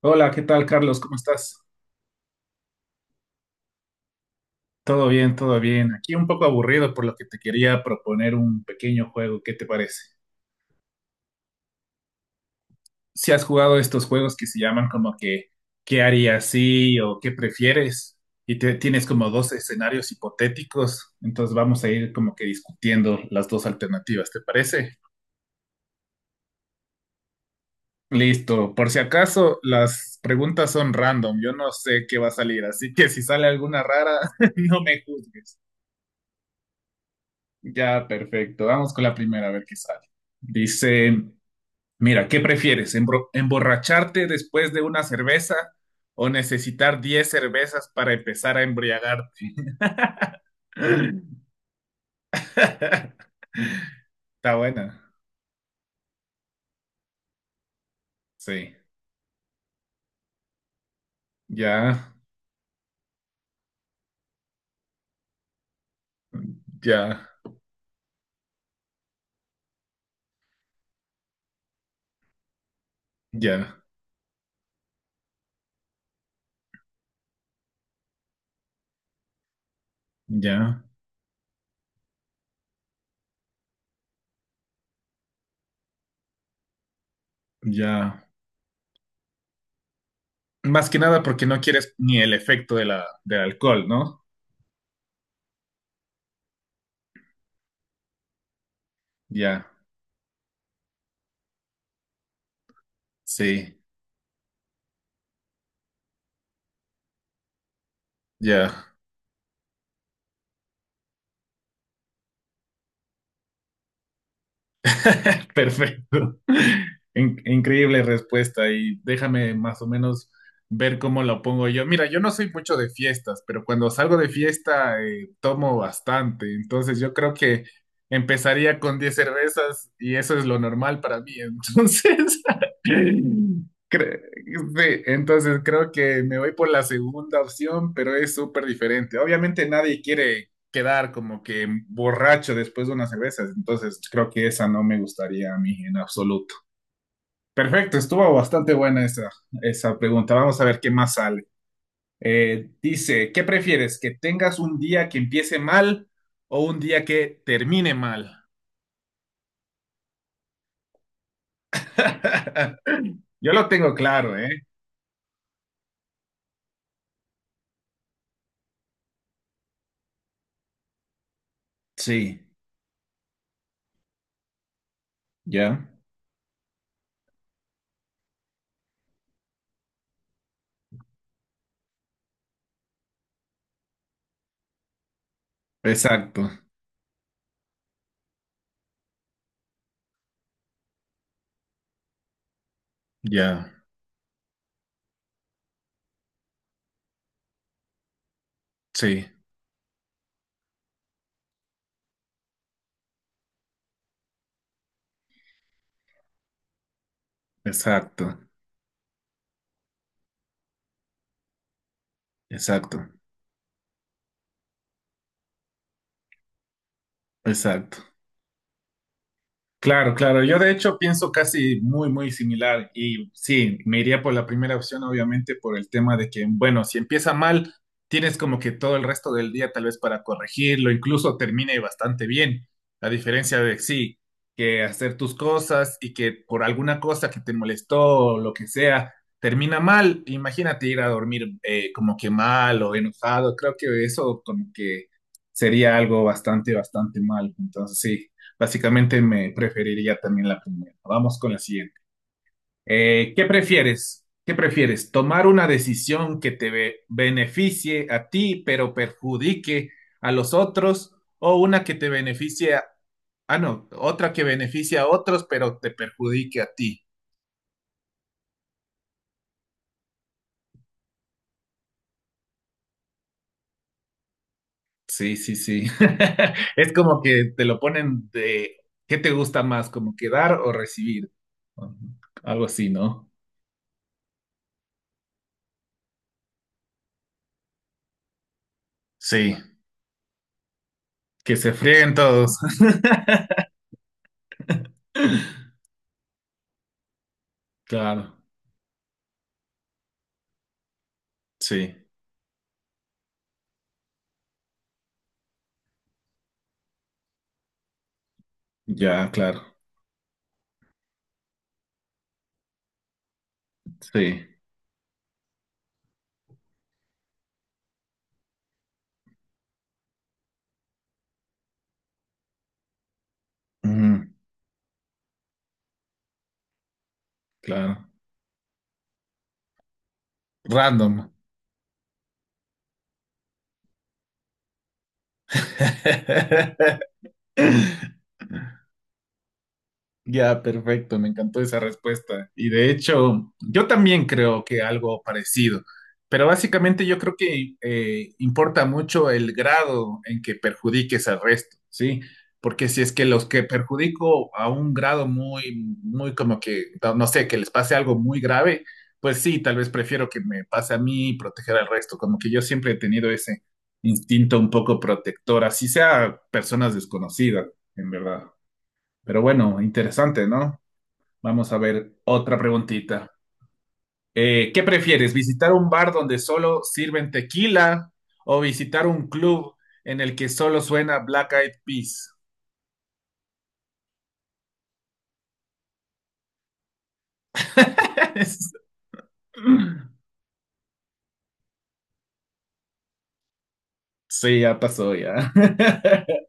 Hola, ¿qué tal, Carlos? ¿Cómo estás? Todo bien, todo bien. Aquí un poco aburrido, por lo que te quería proponer un pequeño juego. ¿Qué te parece? Si has jugado estos juegos que se llaman como que ¿qué harías sí o qué prefieres? Y tienes como dos escenarios hipotéticos, entonces vamos a ir como que discutiendo las dos alternativas, ¿te parece? Listo. Por si acaso, las preguntas son random. Yo no sé qué va a salir, así que si sale alguna rara, no me juzgues. Ya, perfecto. Vamos con la primera, a ver qué sale. Dice, mira, ¿qué prefieres? ¿Emborracharte después de una cerveza o necesitar 10 cervezas para empezar a embriagarte? Está buena. Sí. Ya, ya, ya, ya, ya. Más que nada porque no quieres ni el efecto de la, del alcohol, ¿no? Ya, sí, ya. Perfecto. Increíble respuesta y déjame más o menos ver cómo lo pongo yo. Mira, yo no soy mucho de fiestas, pero cuando salgo de fiesta tomo bastante, entonces yo creo que empezaría con 10 cervezas y eso es lo normal para mí. Entonces, cre- sí, entonces creo que me voy por la segunda opción, pero es súper diferente. Obviamente nadie quiere quedar como que borracho después de unas cervezas. Entonces creo que esa no me gustaría a mí en absoluto. Perfecto, estuvo bastante buena esa, esa pregunta. Vamos a ver qué más sale. Dice, ¿qué prefieres? ¿Que tengas un día que empiece mal o un día que termine mal? Yo lo tengo claro, ¿eh? Sí, ya, exacto, ya, sí, exacto, exacto, exacto. Claro, claro. Yo de hecho pienso casi muy, muy similar. Y sí, me iría por la primera opción, obviamente, por el tema de que, bueno, si empieza mal, tienes como que todo el resto del día tal vez para corregirlo, incluso termine bastante bien. A diferencia de, sí, que hacer tus cosas y que por alguna cosa que te molestó o lo que sea, termina mal. Imagínate ir a dormir como que mal o enojado. Creo que eso como que sería algo bastante, bastante mal. Entonces, sí. Básicamente me preferiría también la primera. Vamos con la siguiente. ¿Qué prefieres? ¿Tomar una decisión que te beneficie a ti pero perjudique a los otros o una que te beneficie a... Ah, no, otra que beneficie a otros pero te perjudique a ti? Sí, sí, sí. Es como que te lo ponen de... ¿Qué te gusta más? ¿Como que dar o recibir? Algo así, ¿no? Sí, que se frieguen todos. Claro. Sí, ya, claro. Sí, ujú, claro. Random. Ya, perfecto, me encantó esa respuesta. Y de hecho, yo también creo que algo parecido, pero básicamente yo creo que importa mucho el grado en que perjudiques al resto, ¿sí? Porque si es que los que perjudico a un grado muy, muy como que, no sé, que les pase algo muy grave, pues sí, tal vez prefiero que me pase a mí y proteger al resto, como que yo siempre he tenido ese instinto un poco protector, así sea personas desconocidas, en verdad. Pero bueno, interesante, ¿no? Vamos a ver otra preguntita. ¿Qué prefieres? ¿Visitar un bar donde solo sirven tequila o visitar un club en el que solo suena Black Eyed Peas? Sí, ya pasó, ya.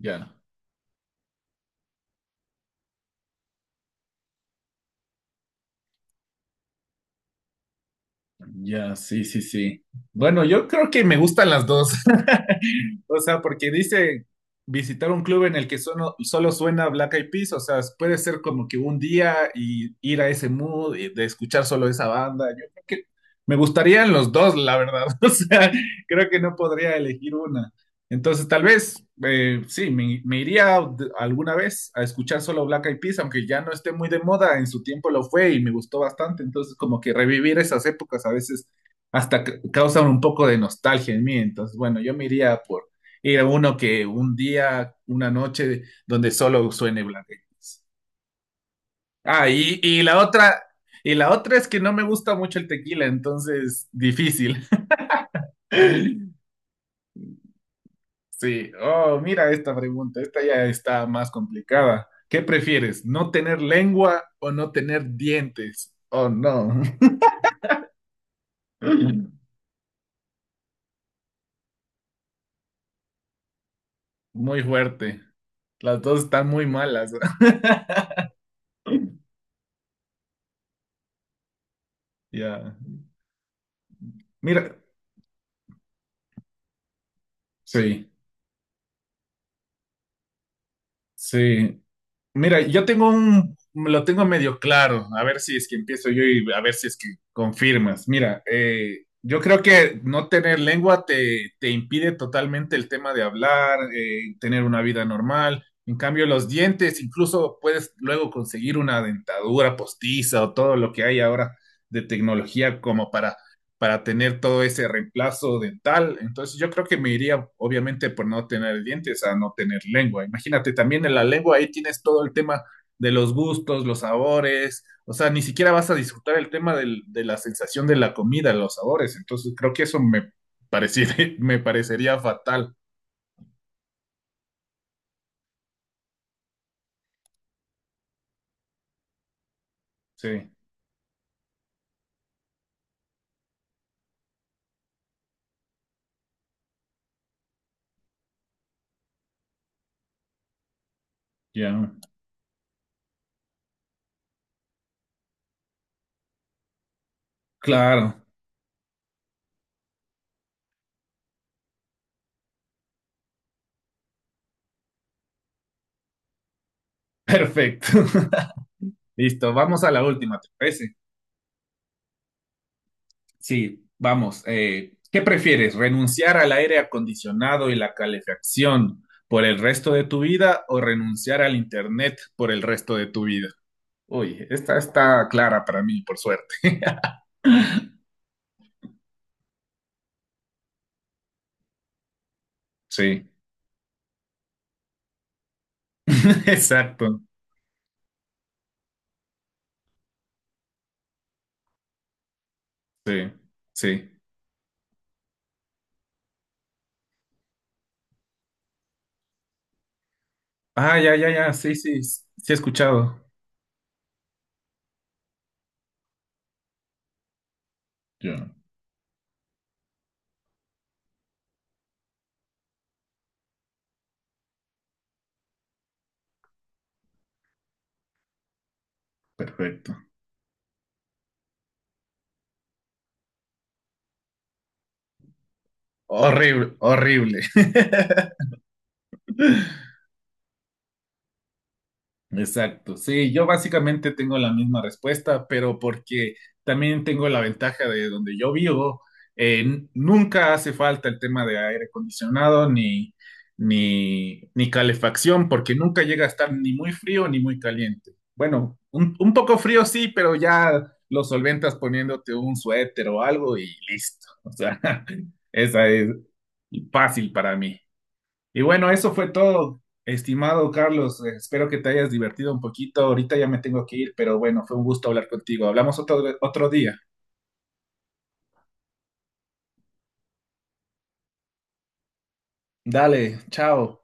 Ya. Ya, sí, sí, sí. Bueno, yo creo que me gustan las dos. O sea, porque dice visitar un club en el que solo suena Black Eyed Peas, o sea, puede ser como que un día y ir a ese mood y de escuchar solo esa banda. Yo creo que me gustarían los dos, la verdad. O sea, creo que no podría elegir una. Entonces, tal vez, sí, me iría alguna vez a escuchar solo Black Eyed Peas, aunque ya no esté muy de moda, en su tiempo lo fue y me gustó bastante, entonces como que revivir esas épocas a veces hasta causan un poco de nostalgia en mí, entonces bueno, yo me iría por ir a uno que un día, una noche, donde solo suene Black Eyed Peas. Ah, y la otra es que no me gusta mucho el tequila, entonces difícil. Sí, oh, mira esta pregunta, esta ya está más complicada. ¿Qué prefieres, no tener lengua o no tener dientes? Oh, no. Muy fuerte. Las dos están muy malas. Ya. Mira, sí, sí. Mira, yo tengo un, lo tengo medio claro, a ver si es que empiezo yo y a ver si es que confirmas. Mira, yo creo que no tener lengua te, te impide totalmente el tema de hablar, tener una vida normal. En cambio, los dientes, incluso puedes luego conseguir una dentadura postiza o todo lo que hay ahora de tecnología como para tener todo ese reemplazo dental. Entonces yo creo que me iría obviamente por no tener dientes a no tener lengua. Imagínate, también en la lengua ahí tienes todo el tema de los gustos, los sabores, o sea, ni siquiera vas a disfrutar el tema de la sensación de la comida, los sabores. Entonces creo que eso me me parecería fatal. Sí, ya. Claro, perfecto. Listo, vamos a la última, ¿te parece? Sí, vamos. ¿Qué prefieres? ¿Renunciar al aire acondicionado y la calefacción por el resto de tu vida o renunciar al internet por el resto de tu vida? Uy, esta está clara para mí, por suerte. Sí, exacto. Sí, sí. Ah, ya, ya, ya. Sí, sí, sí he escuchado. Ya, perfecto. Horrible, horrible. Exacto, sí, yo básicamente tengo la misma respuesta, pero porque también tengo la ventaja de donde yo vivo, nunca hace falta el tema de aire acondicionado ni, ni, ni calefacción, porque nunca llega a estar ni muy frío ni muy caliente. Bueno, un poco frío sí, pero ya lo solventas poniéndote un suéter o algo y listo. O sea, esa es fácil para mí. Y bueno, eso fue todo, estimado Carlos. Espero que te hayas divertido un poquito. Ahorita ya me tengo que ir, pero bueno, fue un gusto hablar contigo. Hablamos otro día. Dale, chao.